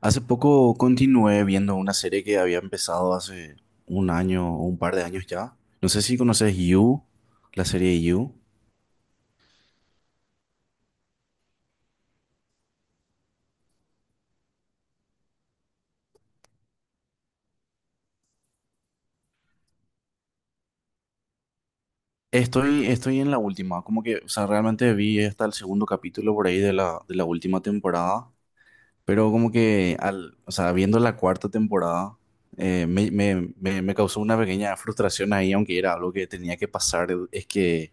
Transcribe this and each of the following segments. Hace poco continué viendo una serie que había empezado hace un año o un par de años ya. No sé si conoces You, la serie You. Estoy en la última, como que, o sea, realmente vi hasta el segundo capítulo por ahí de la última temporada, pero como que, al, o sea, viendo la cuarta temporada, me causó una pequeña frustración ahí, aunque era algo que tenía que pasar, es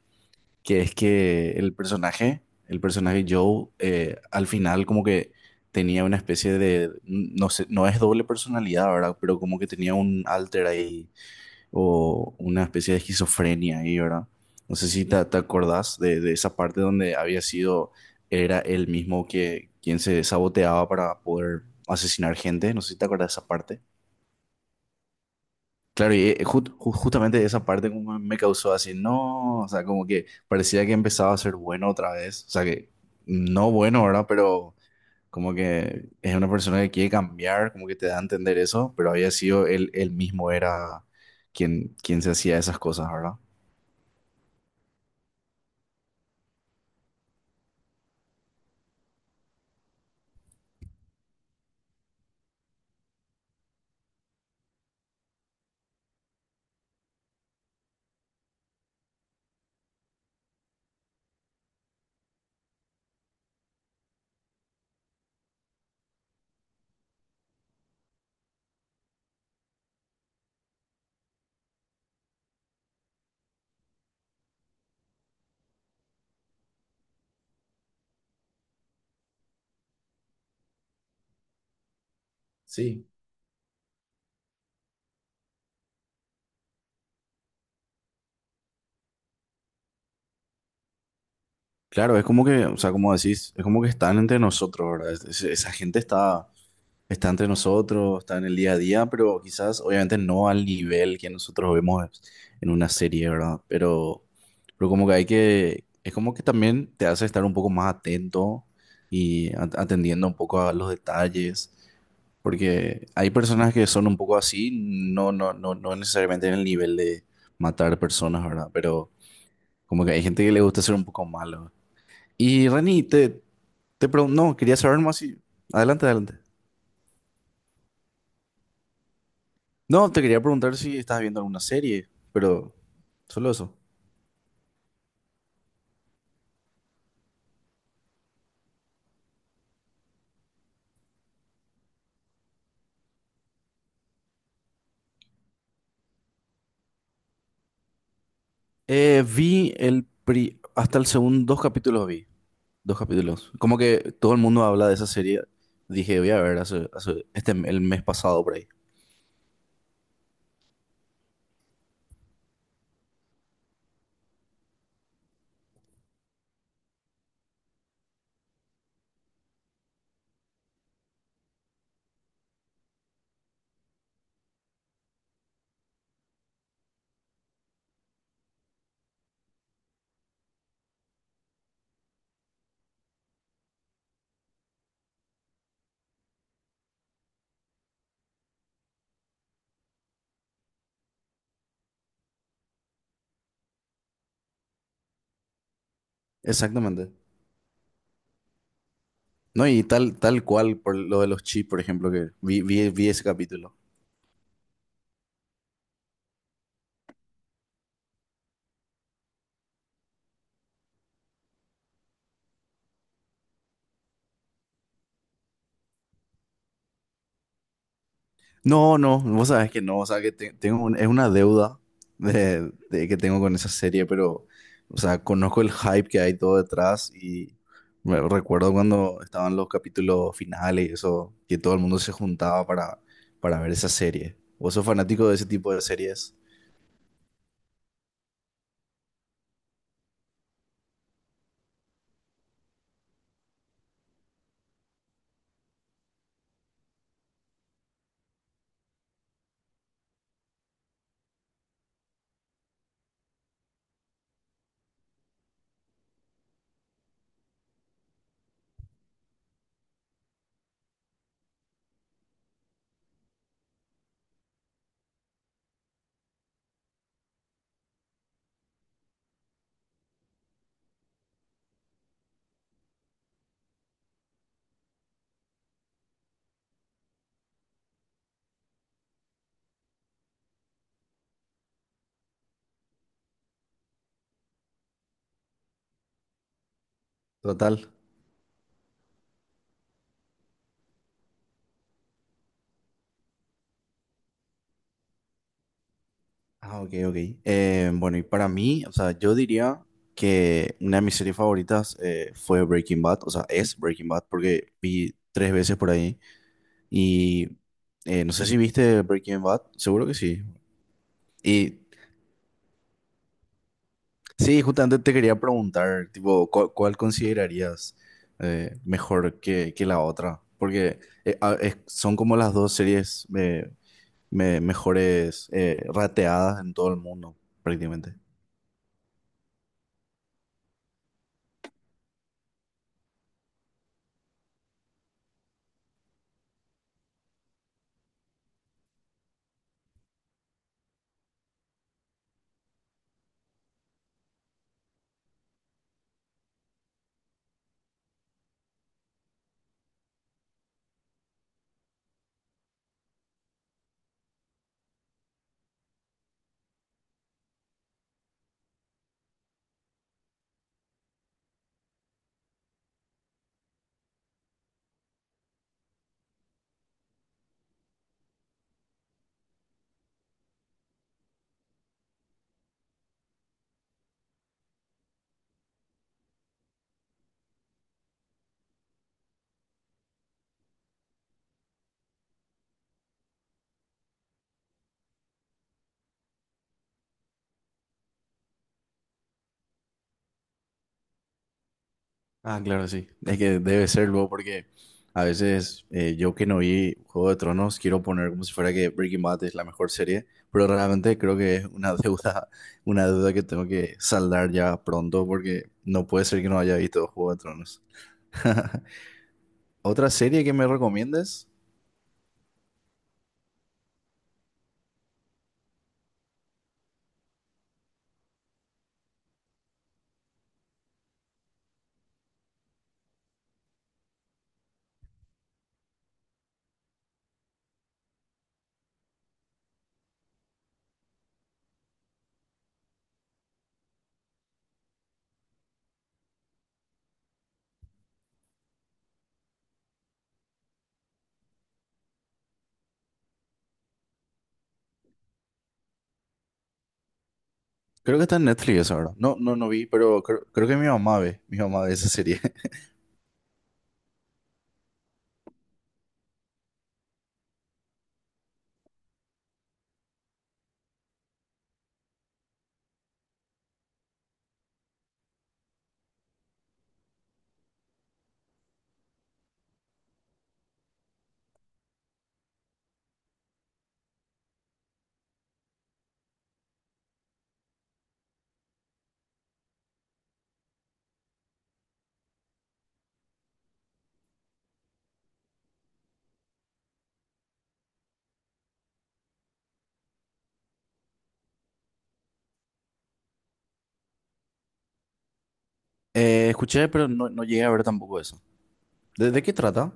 que es que el personaje Joe, al final como que tenía una especie de, no sé, no es doble personalidad, ¿verdad? Pero como que tenía un alter ahí o una especie de esquizofrenia ahí, ¿verdad? No sé si te acordás de esa parte donde había sido, era él mismo que quien se saboteaba para poder asesinar gente, no sé si te acordás de esa parte. Claro, y justamente esa parte como me causó así, no, o sea, como que parecía que empezaba a ser bueno otra vez, o sea, que no bueno, ¿verdad? Pero como que es una persona que quiere cambiar, como que te da a entender eso, pero había sido él, él mismo era quien se hacía esas cosas, ¿verdad? Sí. Claro, es como que, o sea, como decís, es como que están entre nosotros, ¿verdad? Esa gente está entre nosotros, está en el día a día, pero quizás obviamente no al nivel que nosotros vemos en una serie, ¿verdad? Pero como que hay que, es como que también te hace estar un poco más atento y atendiendo un poco a los detalles, porque hay personas que son un poco así, no, no, no, no necesariamente en el nivel de matar personas, ¿verdad? Pero como que hay gente que le gusta ser un poco malo. Y Reni, te pregunto, no, quería saber más y... Adelante, adelante. No, te quería preguntar si estás viendo alguna serie, pero solo eso. Vi hasta el segundo, dos capítulos vi, dos capítulos. Como que todo el mundo habla de esa serie. Dije, voy a ver el mes pasado por ahí. Exactamente. No, y tal, tal cual por lo de los chips, por ejemplo, que vi ese capítulo. No, no, vos sabés que no, o sea, que es una deuda de que tengo con esa serie, pero, o sea, conozco el hype que hay todo detrás y recuerdo cuando estaban los capítulos finales y eso, que todo el mundo se juntaba para ver esa serie. ¿Vos sos fanático de ese tipo de series? Total. Ah, ok, ok. Bueno, y para mí, o sea, yo diría que una de mis series favoritas fue Breaking Bad, o sea, es Breaking Bad porque vi tres veces por ahí. Y no sé si viste Breaking Bad, seguro que sí. Y sí, justamente te quería preguntar, tipo, ¿cuál considerarías mejor que la otra? Porque son como las dos series mejores rateadas en todo el mundo, prácticamente. Ah, claro, sí. Es que debe serlo porque a veces yo que no vi Juego de Tronos quiero poner como si fuera que Breaking Bad es la mejor serie, pero realmente creo que es una deuda, una deuda que tengo que saldar ya pronto porque no puede ser que no haya visto Juego de Tronos. ¿Otra serie que me recomiendes? Creo que está en Netflix eso ahora. No, no, no vi, pero creo que mi mamá ve. Mi mamá ve esa serie. Escuché, pero no, no llegué a ver tampoco eso. De qué trata?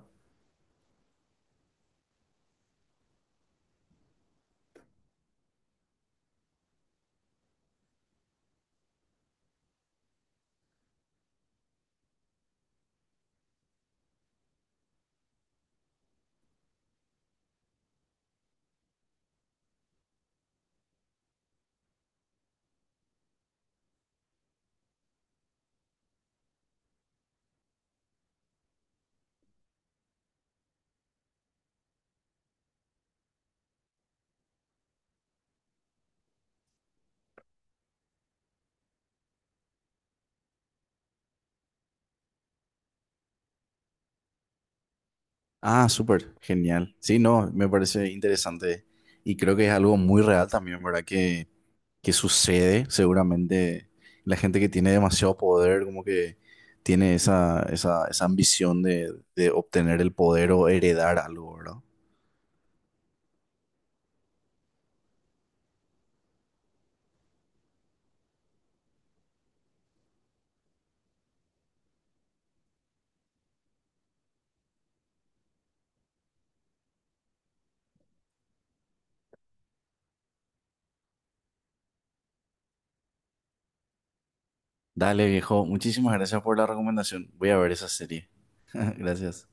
Ah, súper, genial. Sí, no, me parece interesante y creo que es algo muy real también, ¿verdad? Que sucede seguramente la gente que tiene demasiado poder, como que tiene esa, esa, esa ambición de obtener el poder o heredar algo, ¿verdad? Dale, viejo, muchísimas gracias por la recomendación. Voy a ver esa serie. Gracias.